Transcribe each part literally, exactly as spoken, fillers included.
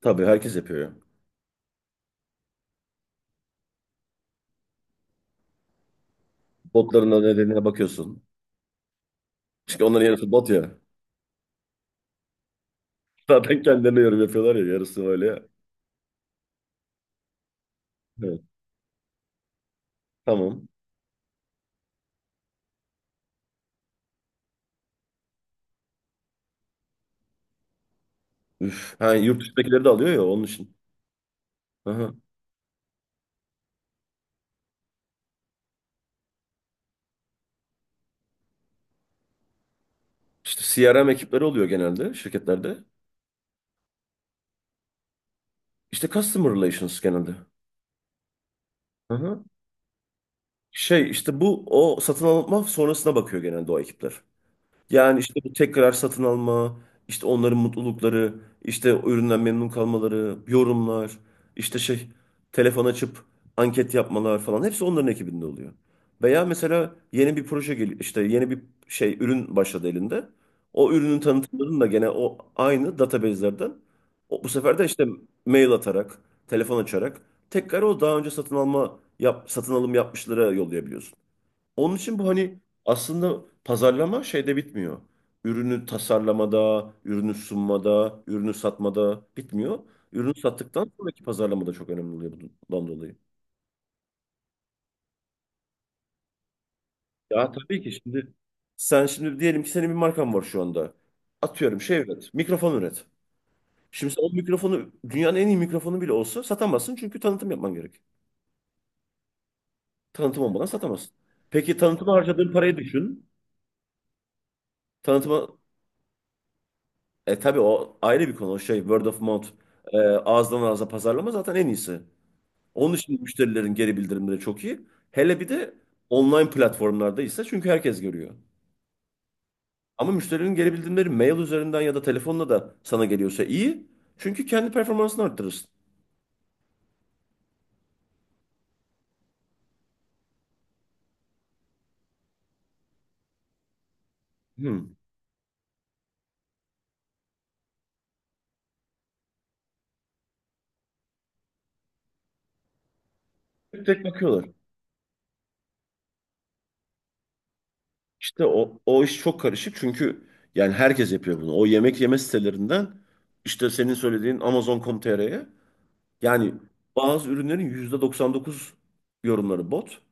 Tabii herkes yapıyor ya. Botların da nedenine bakıyorsun. Çünkü onların yarısı bot ya. Zaten kendilerine yorum yapıyorlar ya. Yarısı öyle ya. Evet. Tamam. Üf. Ha, yurt dışındakileri de alıyor ya onun için. Aha. İşte C R M ekipleri oluyor genelde şirketlerde. İşte Customer Relations genelde. Aha. Şey işte bu o satın alma sonrasına bakıyor genelde o ekipler. Yani işte bu tekrar satın alma, işte onların mutlulukları, işte o üründen memnun kalmaları, yorumlar, işte şey telefon açıp anket yapmalar falan hepsi onların ekibinde oluyor. Veya mesela yeni bir proje geliyor, işte yeni bir şey ürün başladı elinde. O ürünün tanıtımlarını da gene o aynı database'lerden o, bu sefer de işte mail atarak, telefon açarak tekrar o daha önce satın alma yap, satın alım yapmışlara yollayabiliyorsun. Onun için bu hani aslında pazarlama şeyde bitmiyor. Ürünü tasarlamada, ürünü sunmada, ürünü satmada bitmiyor. Ürünü sattıktan sonraki pazarlama da çok önemli oluyor bundan dolayı. Ya tabii ki şimdi sen şimdi diyelim ki senin bir markan var şu anda. Atıyorum şey üret, mikrofon üret. Şimdi sen o mikrofonu dünyanın en iyi mikrofonu bile olsa satamazsın, çünkü tanıtım yapman gerek. Tanıtım olmadan satamazsın. Peki tanıtıma harcadığın parayı düşün. Tanıtıma E tabii o ayrı bir konu. O şey word of mouth, e, ağızdan ağza pazarlama zaten en iyisi. Onun için müşterilerin geri bildirimleri çok iyi. Hele bir de online platformlarda ise, çünkü herkes görüyor. Ama müşterinin geri bildirimleri mail üzerinden ya da telefonla da sana geliyorsa iyi. Çünkü kendi performansını arttırırsın. Hmm. Tek tek bakıyorlar. İşte o, o iş çok karışık, çünkü yani herkes yapıyor bunu. O yemek yeme sitelerinden işte senin söylediğin amazon nokta com nokta t r'ye. Yani bazı ürünlerin yüzde doksan dokuz yorumları bot,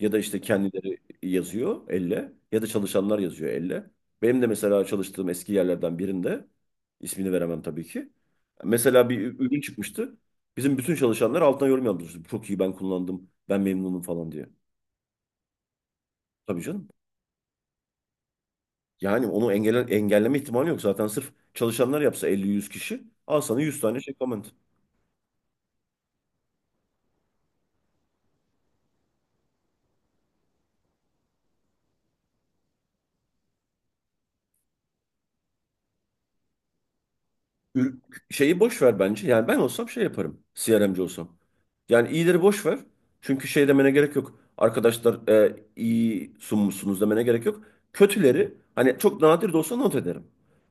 ya da işte kendileri yazıyor elle ya da çalışanlar yazıyor elle. Benim de mesela çalıştığım eski yerlerden birinde, ismini veremem tabii ki, mesela bir ü- ürün çıkmıştı. Bizim bütün çalışanlar altına yorum yazmıştı. Çok iyi, ben kullandım, ben memnunum falan diye. Tabii canım. Yani onu engelle engelleme ihtimali yok. Zaten sırf çalışanlar yapsa elli yüz kişi, al sana yüz tane şey comment. Ür- şeyi boş ver bence. Yani ben olsam şey yaparım. C R M'ci olsam. Yani iyileri boş ver. Çünkü şey demene gerek yok. Arkadaşlar, e, iyi sunmuşsunuz demene gerek yok. Kötüleri hani çok nadir de olsa not ederim.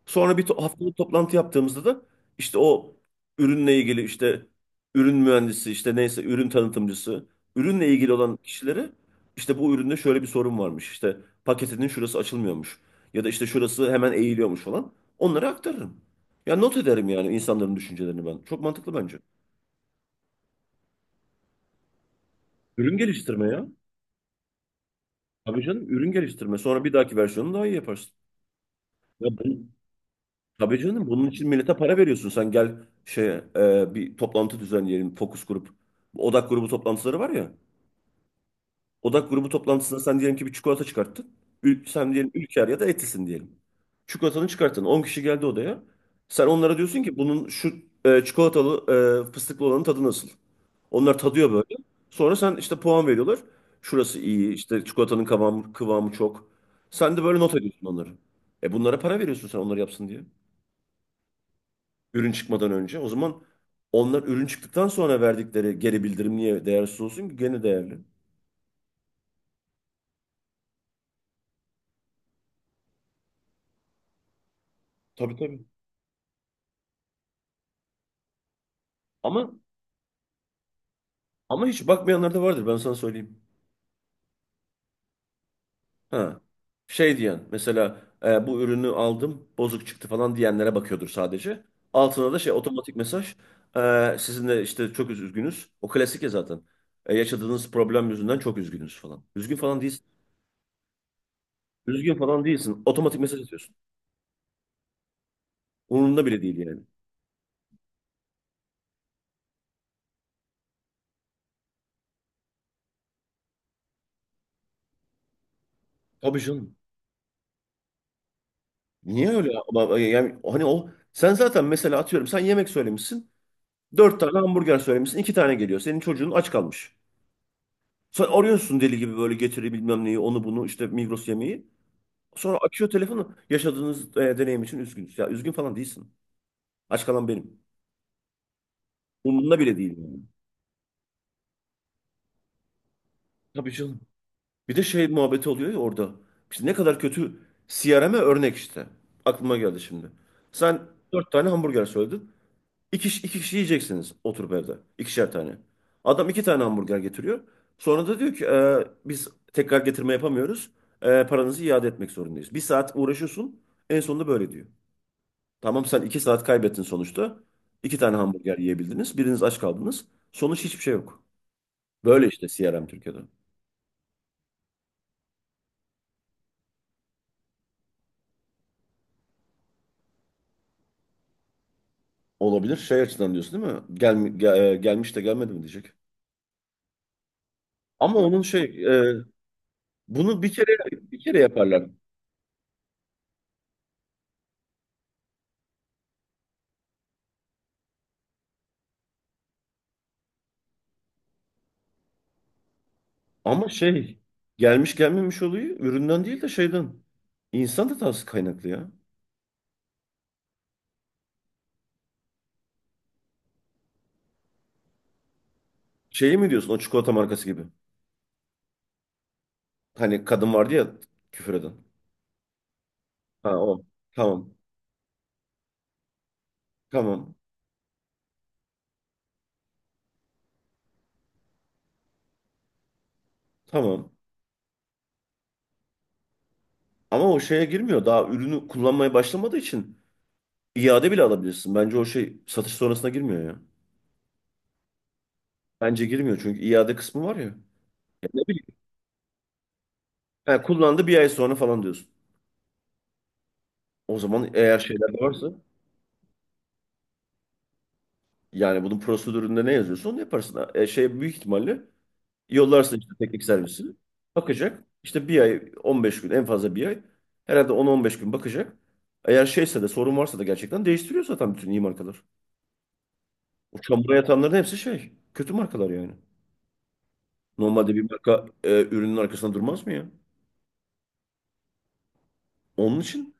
Sonra bir to haftalık toplantı yaptığımızda da işte o ürünle ilgili, işte ürün mühendisi işte neyse ürün tanıtımcısı, ürünle ilgili olan kişileri, işte bu üründe şöyle bir sorun varmış. İşte paketinin şurası açılmıyormuş. Ya da işte şurası hemen eğiliyormuş falan. Onları aktarırım. Ya not ederim yani insanların düşüncelerini ben. Çok mantıklı bence. Ürün geliştirme ya. Tabii canım, ürün geliştirme. Sonra bir dahaki versiyonu daha iyi yaparsın. Ya bu, tabii canım, bunun için millete para veriyorsun. Sen gel, şeye e, bir toplantı düzenleyelim. Fokus grup. Odak grubu toplantıları var ya. Odak grubu toplantısında sen diyelim ki bir çikolata çıkarttın. Ül- sen diyelim Ülker ya da Etis'in diyelim. Çikolatanı çıkarttın. On kişi geldi odaya. Sen onlara diyorsun ki bunun şu e, çikolatalı e, fıstıklı olanın tadı nasıl? Onlar tadıyor böyle. Sonra sen işte puan veriyorlar. Şurası iyi, işte çikolatanın kıvamı, kıvamı çok. Sen de böyle not ediyorsun onları. E bunlara para veriyorsun sen onları yapsın diye. Ürün çıkmadan önce. O zaman onlar ürün çıktıktan sonra verdikleri geri bildirim niye değersiz olsun ki? Gene değerli. Tabii, tabii. Ama ama hiç bakmayanlar da vardır, ben sana söyleyeyim. Ha. Şey diyen mesela, e, bu ürünü aldım bozuk çıktı falan diyenlere bakıyordur sadece. Altına da şey otomatik mesaj, e, sizinle işte çok üz- üzgünüz. O klasik ya zaten. E, yaşadığınız problem yüzünden çok üzgünüz falan. Üzgün falan değilsin. Üzgün falan değilsin. Otomatik mesaj atıyorsun. Umurunda bile değil yani. Tabii canım. Niye öyle? Ama, e, Yani hani o, sen zaten mesela atıyorum sen yemek söylemişsin. Dört tane hamburger söylemişsin. İki tane geliyor. Senin çocuğun aç kalmış. Sen arıyorsun deli gibi böyle, getiri bilmem neyi onu bunu, işte Migros yemeği. Sonra açıyor telefonu. Yaşadığınız e, deneyim için üzgünüz. Ya üzgün falan değilsin. Aç kalan benim. Umurumda bile değil yani. Tabii canım. Bir de şey muhabbeti oluyor ya orada. İşte ne kadar kötü C R M'e örnek işte. Aklıma geldi şimdi. Sen dört tane hamburger söyledin. İki, iki kişi yiyeceksiniz oturup evde. İkişer tane. Adam iki tane hamburger getiriyor. Sonra da diyor ki, "E, biz tekrar getirme yapamıyoruz. E, paranızı iade etmek zorundayız." Bir saat uğraşıyorsun. En sonunda böyle diyor. Tamam, sen iki saat kaybettin sonuçta. İki tane hamburger yiyebildiniz. Biriniz aç kaldınız. Sonuç, hiçbir şey yok. Böyle işte C R M Türkiye'de. Olabilir. Şey açıdan diyorsun değil mi? Gel, gel- gelmiş de gelmedi mi diyecek. Ama onun şey e, bunu bir kere bir kere yaparlar. Ama şey, gelmiş gelmemiş olayı üründen değil de şeyden. İnsan hatası kaynaklı ya. Şeyi mi diyorsun, o çikolata markası gibi? Hani kadın vardı ya, küfür eden. Ha o. Tamam. Tamam. Tamam. Ama o şeye girmiyor. Daha ürünü kullanmaya başlamadığı için iade bile alabilirsin. Bence o şey satış sonrasına girmiyor ya. Bence girmiyor çünkü iade kısmı var ya. Ya ne bileyim. Ha, kullandı bir ay sonra falan diyorsun. O zaman eğer şeyler de varsa, yani bunun prosedüründe ne yazıyorsa onu yaparsın. Ha, E, şey büyük ihtimalle yollarsın işte teknik servisi. Bakacak. İşte bir ay 15 gün, en fazla bir ay. Herhalde on ila on beş gün bakacak. Eğer şeyse de, sorun varsa da gerçekten değiştiriyor zaten bütün iyi markalar. O çamura yatanların hepsi şey. Kötü markalar yani. Normalde bir marka, e, ürünün arkasında durmaz mı ya? Onun için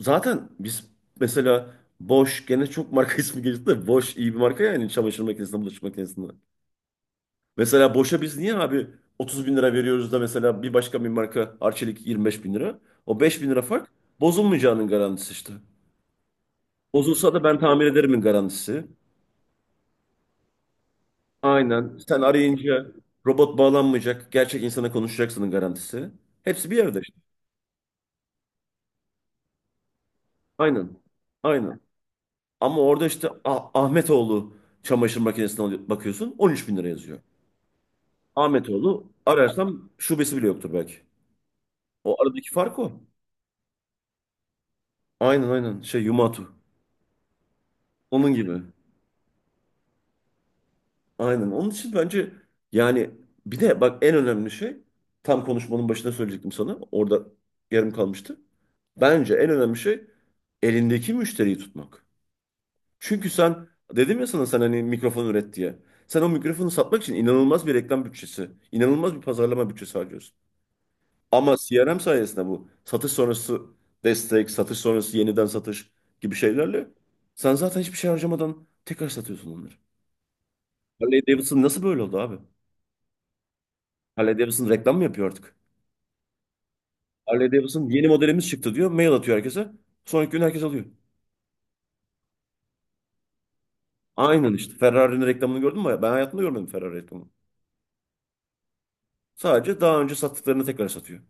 zaten biz mesela Bosch, gene çok marka ismi geçti de Bosch, iyi bir marka yani çamaşır makinesinde, bulaşık makinesinde. Mesela Bosch'a biz niye abi otuz bin lira veriyoruz da mesela bir başka bir marka Arçelik yirmi beş bin lira? O beş bin lira fark, bozulmayacağının garantisi işte. Bozulsa da ben tamir ederimin garantisi. Aynen. Sen arayınca robot bağlanmayacak, gerçek insana konuşacaksının garantisi. Hepsi bir yerde işte. Aynen. Aynen. Ama orada işte Ah- Ahmetoğlu çamaşır makinesine alıyor- bakıyorsun on üç bin lira yazıyor. Ahmetoğlu ararsam şubesi bile yoktur belki. O aradaki fark o. Aynen, aynen, şey Yumatu. Onun gibi. Aynen. Onun için bence, yani bir de bak, en önemli şey, tam konuşmanın başında söyleyecektim sana, orada yarım kalmıştı. Bence en önemli şey elindeki müşteriyi tutmak. Çünkü sen, dedim ya sana, sen hani mikrofon üret diye. Sen o mikrofonu satmak için inanılmaz bir reklam bütçesi, inanılmaz bir pazarlama bütçesi harcıyorsun. Ama C R M sayesinde bu satış sonrası destek, satış sonrası yeniden satış gibi şeylerle sen zaten hiçbir şey harcamadan tekrar satıyorsun onları. Harley Davidson nasıl böyle oldu abi? Harley Davidson reklam mı yapıyor artık? Harley Davidson yeni modelimiz çıktı diyor, mail atıyor herkese. Sonraki gün herkes alıyor. Aynen işte. Ferrari'nin reklamını gördün mü? Ben hayatımda görmedim Ferrari reklamını. Sadece daha önce sattıklarını tekrar satıyor.